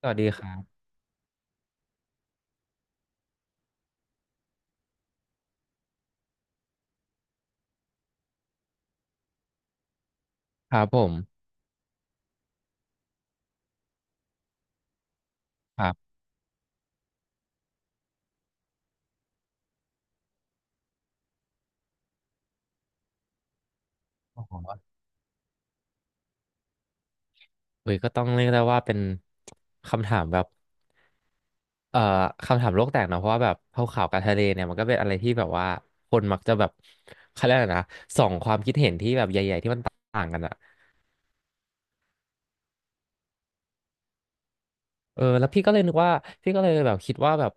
สวัสดีครับครับผมครับโอ้โหเฮ้ยก็ต้องเรียกได้ว่าเป็นคำถามแบบเอ่อคำถามโลกแตกเนอะเพราะว่าแบบภูเขากับทะเลเนี่ยมันก็เป็นอะไรที่แบบว่าคนมักจะแบบเขาเรียกอะไรนะสองความคิดเห็นที่แบบใหญ่ๆที่มันต่างกันอะ เออแล้วพี่ก็เลยนึกว่าพี่ก็เลยแบบคิดว่าแบบ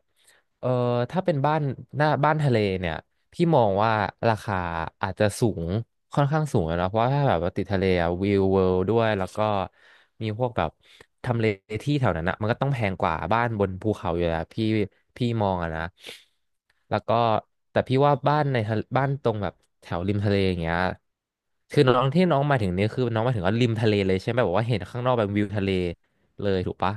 เออถ้าเป็นบ้านหน้าบ้านทะเลเนี่ยพี่มองว่าราคาอาจจะสูงค่อนข้างสูงอะเนาะเพราะว่าถ้าแบบว่าติดทะเลอะวิวเวิลด์ด้วยแล้วก็มีพวกแบบทำเลที่แถวนั้นอะมันก็ต้องแพงกว่าบ้านบนภูเขาอยู่แล้วพี่มองอะนะแล้วก็แต่พี่ว่าบ้านในทะเลบ้านตรงแบบแถวริมทะเลอย่างเงี้ยคือน้องที่น้องมาถึงนี่ยคือน้องมาถึงว่าริมทะเลเลยใช่ไหมแบบว่าเห็นข้างนอกแบบวิวทะเลเลยถูกปะ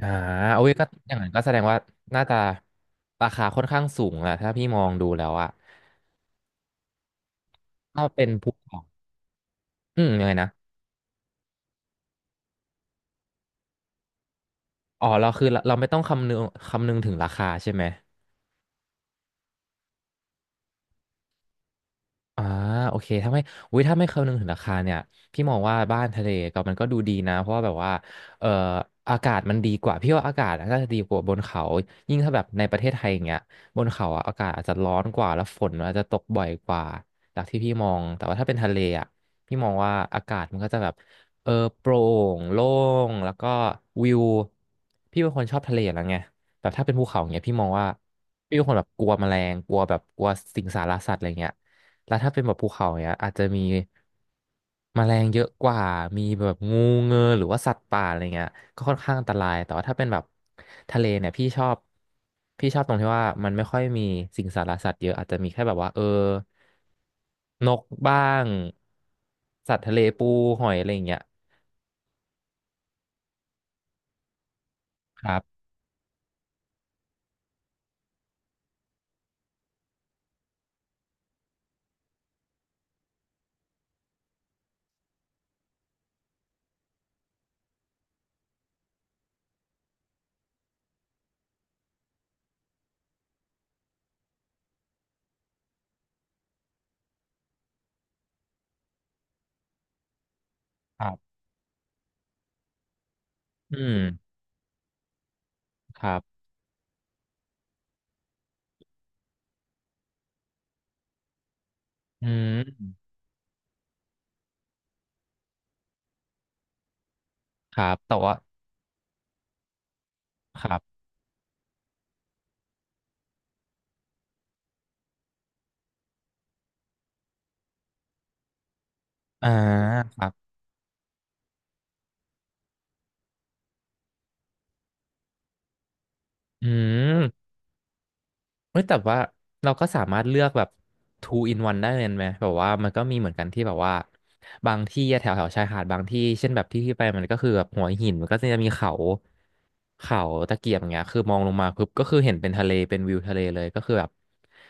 อ่าโอ้ยก็อย่างนั้นก็แสดงว่าน่าจะราคาค่อนข้างสูงอะถ้าพี่มองดูแล้วอะถ้าเป็นภูเขาอืมยังไงนะ อ๋อ เราคือเราไม่ต้องคำนึงถึงราคาใช่ไหม อ่าโอเคถ้าไม่อุ้ยถ้าไม่คำนึงถึงราคาเนี่ยพี่มองว่าบ้านทะเลก็มันก็ดูดีนะเพราะว่าแบบว่าเอ่ออากาศมันดีกว่าพี่ว่าอากาศน่าจะดีกว่าบนเขายิ่งถ้าแบบในประเทศไทยอย่างเงี้ยบนเขาอะอากาศอาจจะร้อนกว่าแล้วฝนอาจจะตกบ่อยกว่าจากที่พี่มองแต่ว่าถ้าเป็นทะเลอ่ะพี่มองว่าอากาศมันก็จะแบบเออโปร่งโล่งแล้วก็วิวพี่เป็นคนชอบทะเลอยู่แล้วไงแบบถ้าเป็นภูเขาอย่างเงี้ยพี่มองว่าพี่เป็นคนแบบกลัวแมลงกลัวแบบกลัวสิงสารสัตว์อะไรเงี้ย แล้วถ้าเป็นแบบภูเขาเนี้ยอาจจะมีแมลงเยอะกว่ามีแบบงูเงือหรือว่าสัตว์ป่าอะไรเงี้ยก็ค่อนข้างอันตรายแต่ว่าถ้าเป็นแบบทะเลเนี่ยพี่ชอบตรงที่ว่ามันไม่ค่อยมีสิ่งสารสัตว์เยอะอาจจะมีแค่แบบว่าเออนกบ้างสัตว์ทะเลปูหอยอะไรอย่างเงี้ยครับครับอืมครับอืมครับแต่ว่าครับอ่าครับอืม เฮ้ยแต่ว่าเราก็สามารถเลือกแบบ two in one ได้เลยไหมแบบว่ามันก็มีเหมือนกันที่แบบว่าบางที่แถวแถวชายหาดบางที่เช่นแบบที่ที่ไปมันก็คือแบบหัวหินมันก็จะมีเขาเขาตะเกียบอย่างเงี้ยคือมองลงมาปุ๊บก็คือเห็นเป็นทะเลเป็นวิวทะเลเลยก็คือแบบ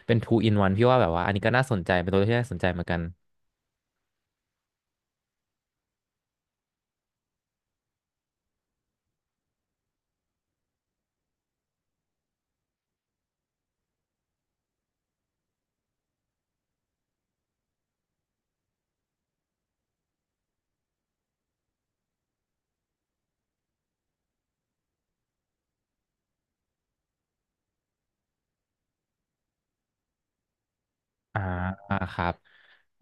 เป็น two in one พี่ว่าแบบว่าอันนี้ก็น่าสนใจเป็นตัวเลือกที่น่าสนใจเหมือนกันอ่าครับ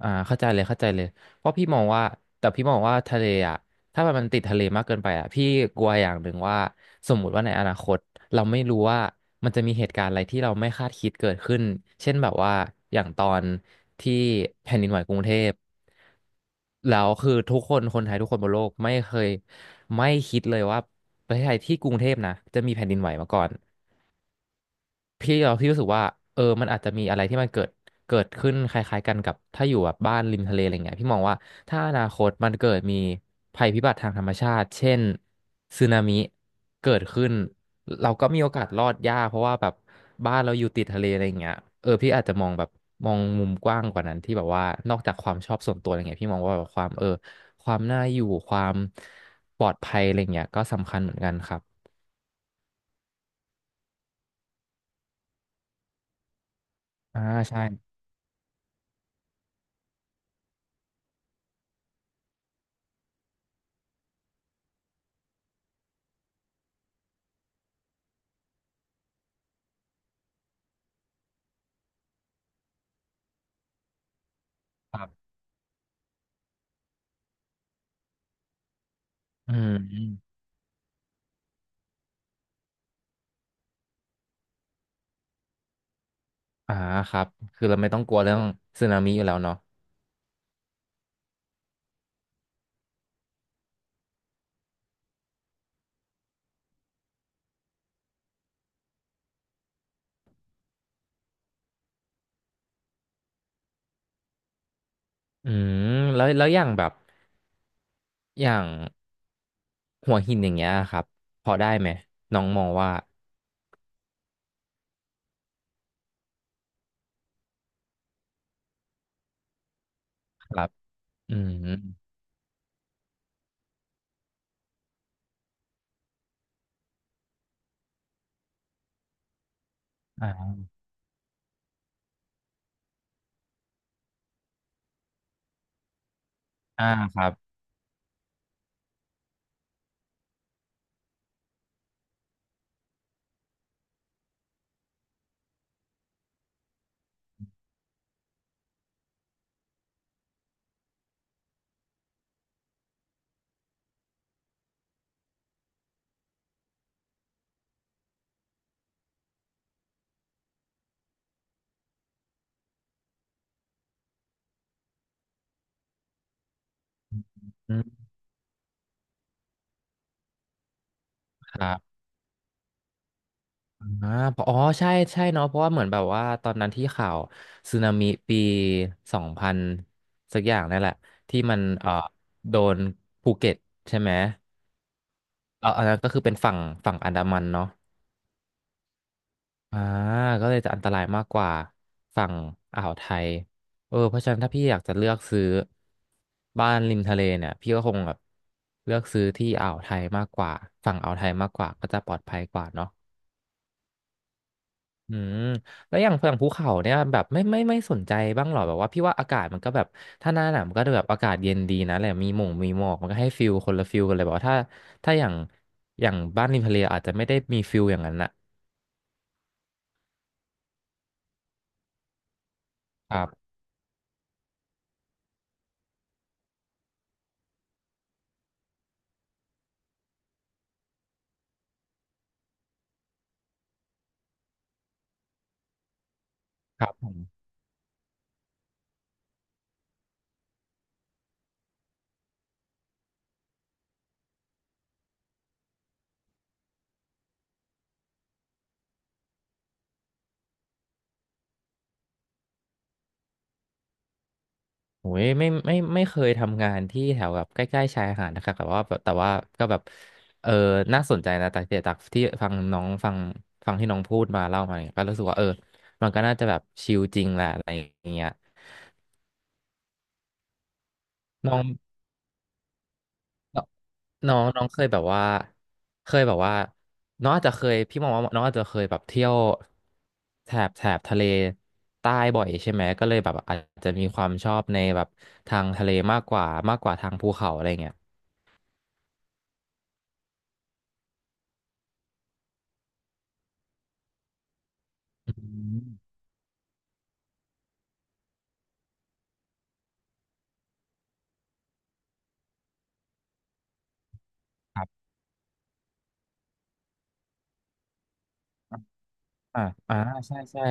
อ่าเข้าใจเลยเข้าใจเลยเพราะพี่มองว่าแต่พี่มองว่าทะเลอ่ะถ้ามันติดทะเลมากเกินไปอ่ะพี่กลัวอย่างหนึ่งว่าสมมุติว่าในอนาคตเราไม่รู้ว่ามันจะมีเหตุการณ์อะไรที่เราไม่คาดคิดเกิดขึ้นเช่นแบบว่าอย่างตอนที่แผ่นดินไหวกรุงเทพแล้วคือทุกคนคนไทยทุกคนบนโลกไม่เคยไม่คิดเลยว่าประเทศไทยที่กรุงเทพนะจะมีแผ่นดินไหวมาก่อน พี่เราพี่รู้สึกว่าเออมันอาจจะมีอะไรที่มันเกิดขึ้นคล้ายๆกันกับถ้าอยู่แบบบ้านริมทะเลอะไรเงี้ยพี่มองว่าถ้าอนาคตมันเกิดมีภัยพิบัติทางธรรมชาติเช่นสึนามิเกิดขึ้นเราก็มีโอกาสรอดยากเพราะว่าแบบบ้านเราอยู่ติดทะเลอะไรเงี้ยเออพี่อาจจะมองแบบมองมุมกว้างกว่านั้นที่แบบว่านอกจากความชอบส่วนตัวอะไรเงี้ยพี่มองว่าแบบความเออความน่าอยู่ความปลอดภัยอะไรเงี้ยก็สำคัญเหมือนกันครับอ่าใช่ครับอืม อ่าครับคือเราไม่ต้องกลัวเรื่องสึนามิอยู่แล้วเนาะอืมแล้วอย่างแบบอย่างหัวหินอย่างเงี้ยครับพอได้ไหม น้องมองว่าครับอืมอ่าอ่าครับอืมครับอ่าเพราะอ๋อใช่ใช่เนาะเพราะว่าเหมือนแบบว่าตอนนั้นที่ข่าวสึนามิปีสองพันสักอย่างนั่นแหละ ที่มันโดนภูเก็ตใช่ไหมเอออันนั้นก็คือเป็นฝั่งอันดามันเนาะ อ่าก็เลยจะอันตรายมากกว่าฝั่งอ่าวไทยเออเพราะฉะนั้นถ้าพี่อยากจะเลือกซื้อบ้านริมทะเลเนี่ยพี่ก็คงแบบเลือกซื้อที่อ่าวไทยมากกว่าฝั่งอ่าวไทยมากกว่าก็จะปลอดภัยกว่าเนาะอืมแล้วอย่างฝั่งภูเขาเนี่ยแบบไม่สนใจบ้างหรอแบบว่าพี่ว่าอากาศมันก็แบบถ้าหน้าหนาวมันก็แบบอากาศเย็นดีนะแหละมีหมงมีหมอกมันก็ให้ฟิลคนละฟิลกันเลยแบบว่าถ้าอย่างบ้านริมทะเลอาจจะไม่ได้มีฟิลอย่างนั้นนะครับครับผม โอ้ยไม่เคยทำงานที่แถวแบบใกล้ๆชายหาดนะครับแต่ว่าแบบแต่ว่าก็แบบเออน่าสนใจนะแต่เดี๋ยวจากที่ฟังน้องฟังที่น้องพูดมาเล่ามาเนี่ยก็รู้สึกว่าเออมันก็น่าจะแบบชิลจริงแหละอะไรอย่างเงี้ยน้องน้องน้องเคยแบบว่าเคยแบบว่าน้องอาจจะเคยพี่มองว่าน้องอาจจะเคยแบบเที่ยวแถบทะเลใต้บ่อยใช่ไหมก็เลยแบบอาจจะมีความชอบในแบบทางทะเลมากกว่าทางภูเขาอะไรเงี้ยอืม อ่าอ่าใช่ใช่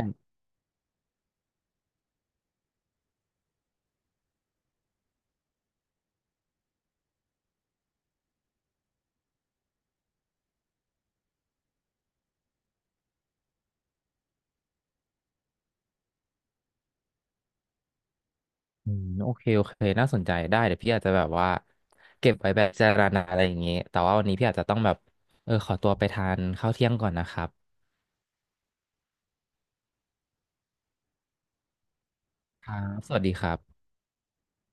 อืมโอเคโอเค น่าสนใจได้เดี๋ยวพี่อาจจะแบบว่าเก็บไว้แบบเจารณาอะไรอย่างงี้แต่ว่าวันนี้พี่อาจจะต้องแบบเออขอตัวไปทานข้าวเที่ยงก่อนนะครับครับสวัสดีครับ